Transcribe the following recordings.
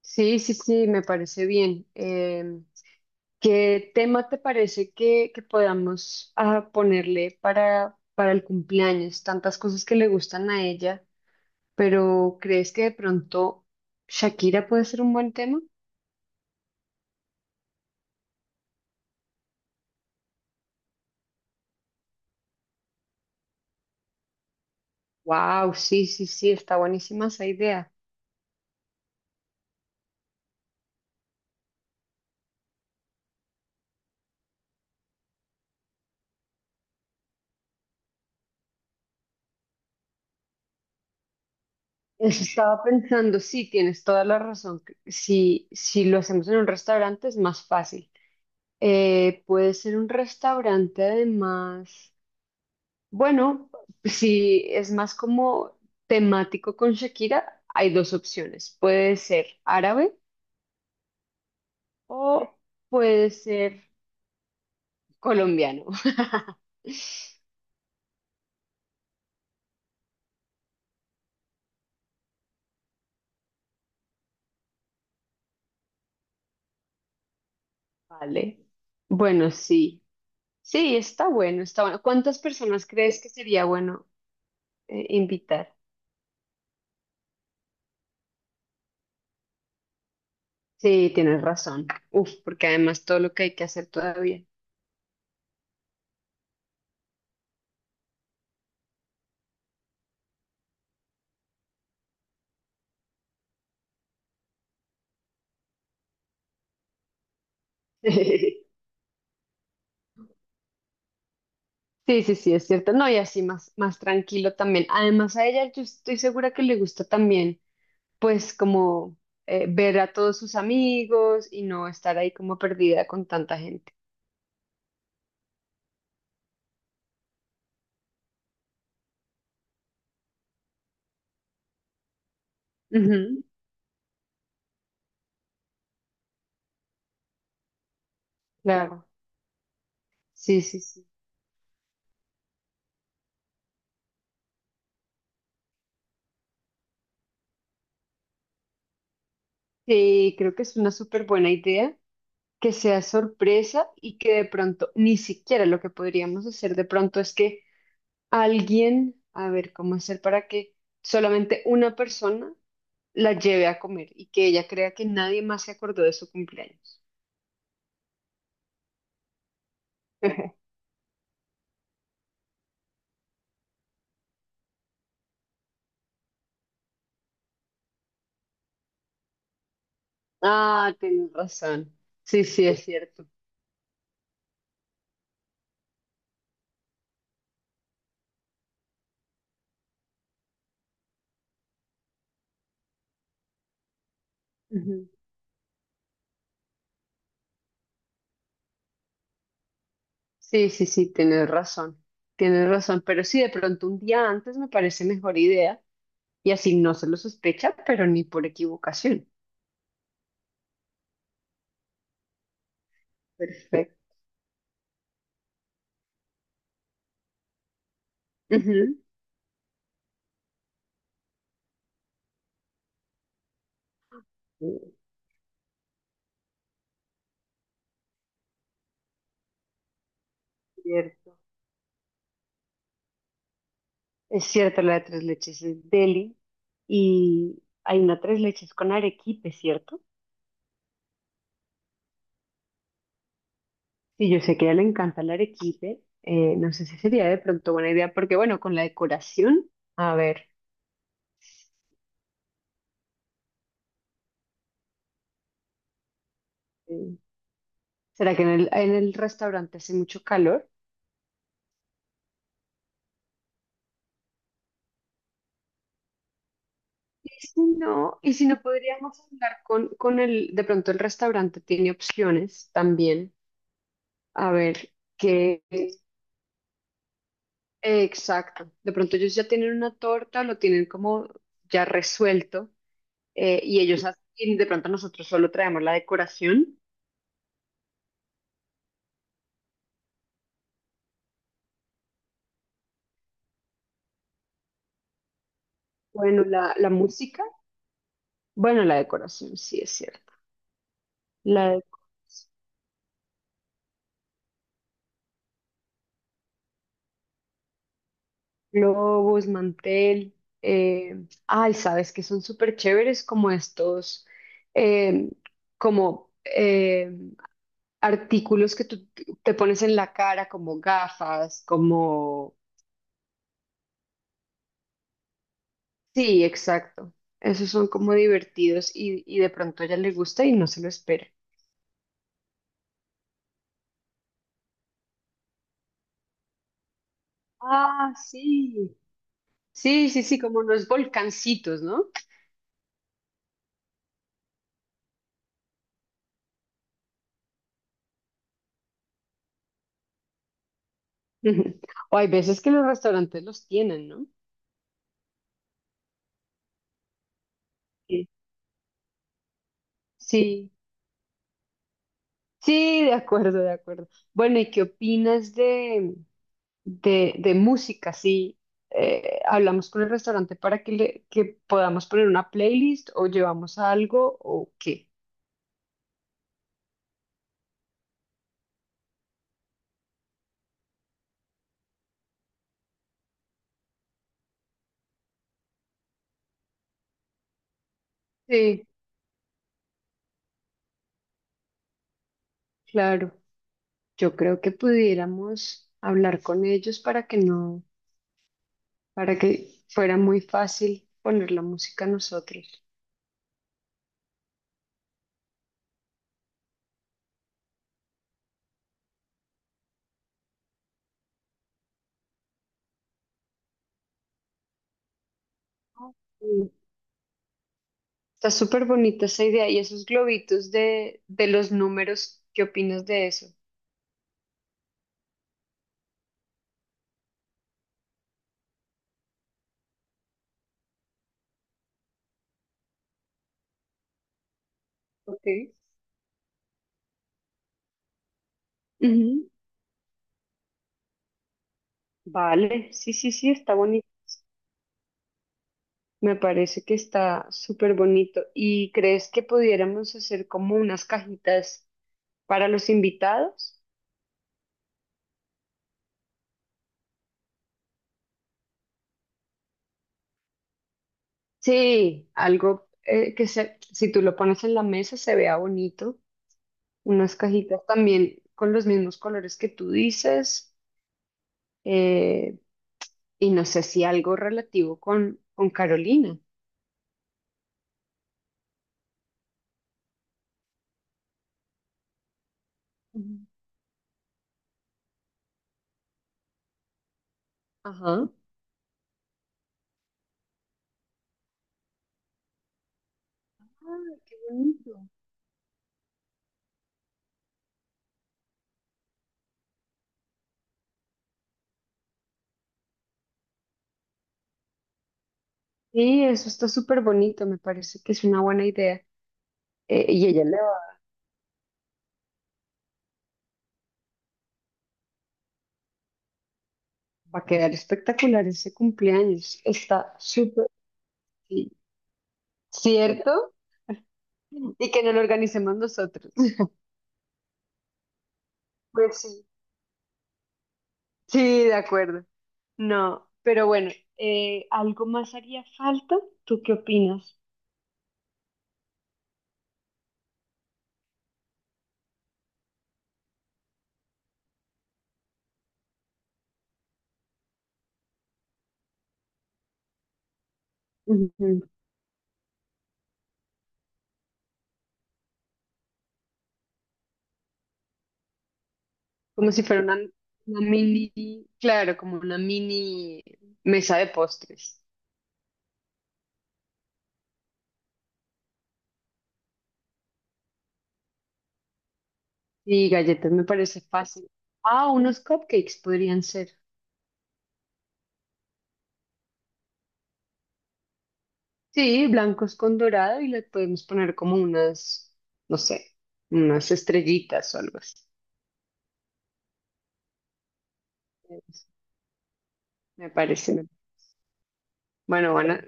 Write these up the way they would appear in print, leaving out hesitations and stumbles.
Sí, sí, sí, me parece bien. ¿Qué tema te parece que podamos ponerle para el cumpleaños? Tantas cosas que le gustan a ella, pero ¿crees que de pronto Shakira puede ser un buen tema? Wow, sí, sí, sí, está buenísima esa idea. Eso estaba pensando, sí, tienes toda la razón. Que Si lo hacemos en un restaurante es más fácil. Puede ser un restaurante además. Bueno, si es más como temático con Shakira, hay dos opciones. Puede ser árabe o puede ser colombiano. Vale. Bueno, sí. Sí, está bueno, está bueno. ¿Cuántas personas crees que sería bueno invitar? Sí, tienes razón. Uf, porque además todo lo que hay que hacer todavía. Sí, sí, sí, es cierto. No, y así más, más tranquilo también. Además, a ella yo estoy segura que le gusta también, pues como ver a todos sus amigos y no estar ahí como perdida con tanta gente. Ujú, claro, sí, sí, sí. Sí, creo que es una súper buena idea que sea sorpresa y que de pronto, ni siquiera, lo que podríamos hacer de pronto es que alguien, a ver, ¿cómo hacer para que solamente una persona la lleve a comer y que ella crea que nadie más se acordó de su cumpleaños? Ah, tienes razón. Sí, sí, es cierto. Ujú. Sí, sí, sí, tienes razón, pero sí, de pronto un día antes me parece mejor idea y así no se lo sospecha, pero ni por equivocación. Perfecto. Ujú. Perfecto. Cierto. Es cierto, la de tres leches es deli y hay una tres leches con arequipe, ¿cierto? Sí, yo sé que a ella le encanta el arequipe. No sé si sería de pronto buena idea, porque bueno, con la decoración, a ver, eh, ¿será que en el restaurante hace mucho calor? Si no, y si no podríamos hablar con el, de pronto el restaurante tiene opciones también. A ver, qué exacto. De pronto ellos ya tienen una torta, lo tienen como ya resuelto, y ellos hacen, y de pronto nosotros solo traemos la decoración. Bueno, la música. Bueno, la decoración, sí, es cierto. La decoración, globos, mantel. Ay, sabes que son súper chéveres como estos, eh, como artículos que tú te pones en la cara, como gafas, como... Sí, exacto. Esos son como divertidos y de pronto a ella le gusta y no se lo espera. Ah, sí. Sí, sí, sí, como unos volcancitos, ¿no? O hay veces que los restaurantes los tienen, ¿no? Sí. Sí. Sí, de acuerdo, de acuerdo. Bueno, ¿y qué opinas de, de música? Sí, hablamos con el restaurante para que podamos poner una playlist o llevamos algo o qué. Sí, claro. Yo creo que pudiéramos hablar con ellos para que no, para que fuera muy fácil poner la música nosotros. Mm, está súper bonita esa idea. Y esos globitos de los números, ¿qué opinas de eso? Ok. Vale, sí, sí, sí, está bonito. Me parece que está súper bonito. ¿Y crees que pudiéramos hacer como unas cajitas para los invitados? Sí, algo que se, si tú lo pones en la mesa se vea bonito. Unas cajitas también con los mismos colores que tú dices, eh, y no sé si algo relativo con Carolina. Ujú. Ajá. Ah, qué bonito. Sí, eso está súper bonito, me parece que es una buena idea. Y ella le Va a quedar espectacular ese cumpleaños. Está súper bien. ¿Cierto? Y que no lo organicemos nosotros. Pues sí. Sí, de acuerdo. No, pero bueno, ¿algo más haría falta? ¿Tú qué opinas? Ujú. Como si fuera una mini, claro, como una mini mesa de postres. Y galletas me parece fácil. Ah, unos cupcakes podrían ser. Sí, blancos con dorado y le podemos poner como unas, no sé, unas estrellitas o algo así. Eso, me parece. Bueno, van a-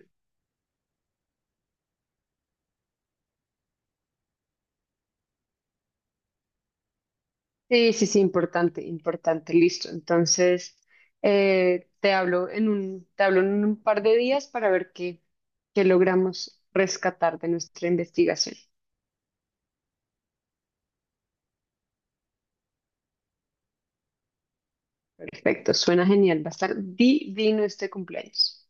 Sí, sí, sí, importante, importante, listo. Entonces, te hablo en un par de días para ver qué logramos rescatar de nuestra investigación. Perfecto, suena genial. Va a estar divino este cumpleaños.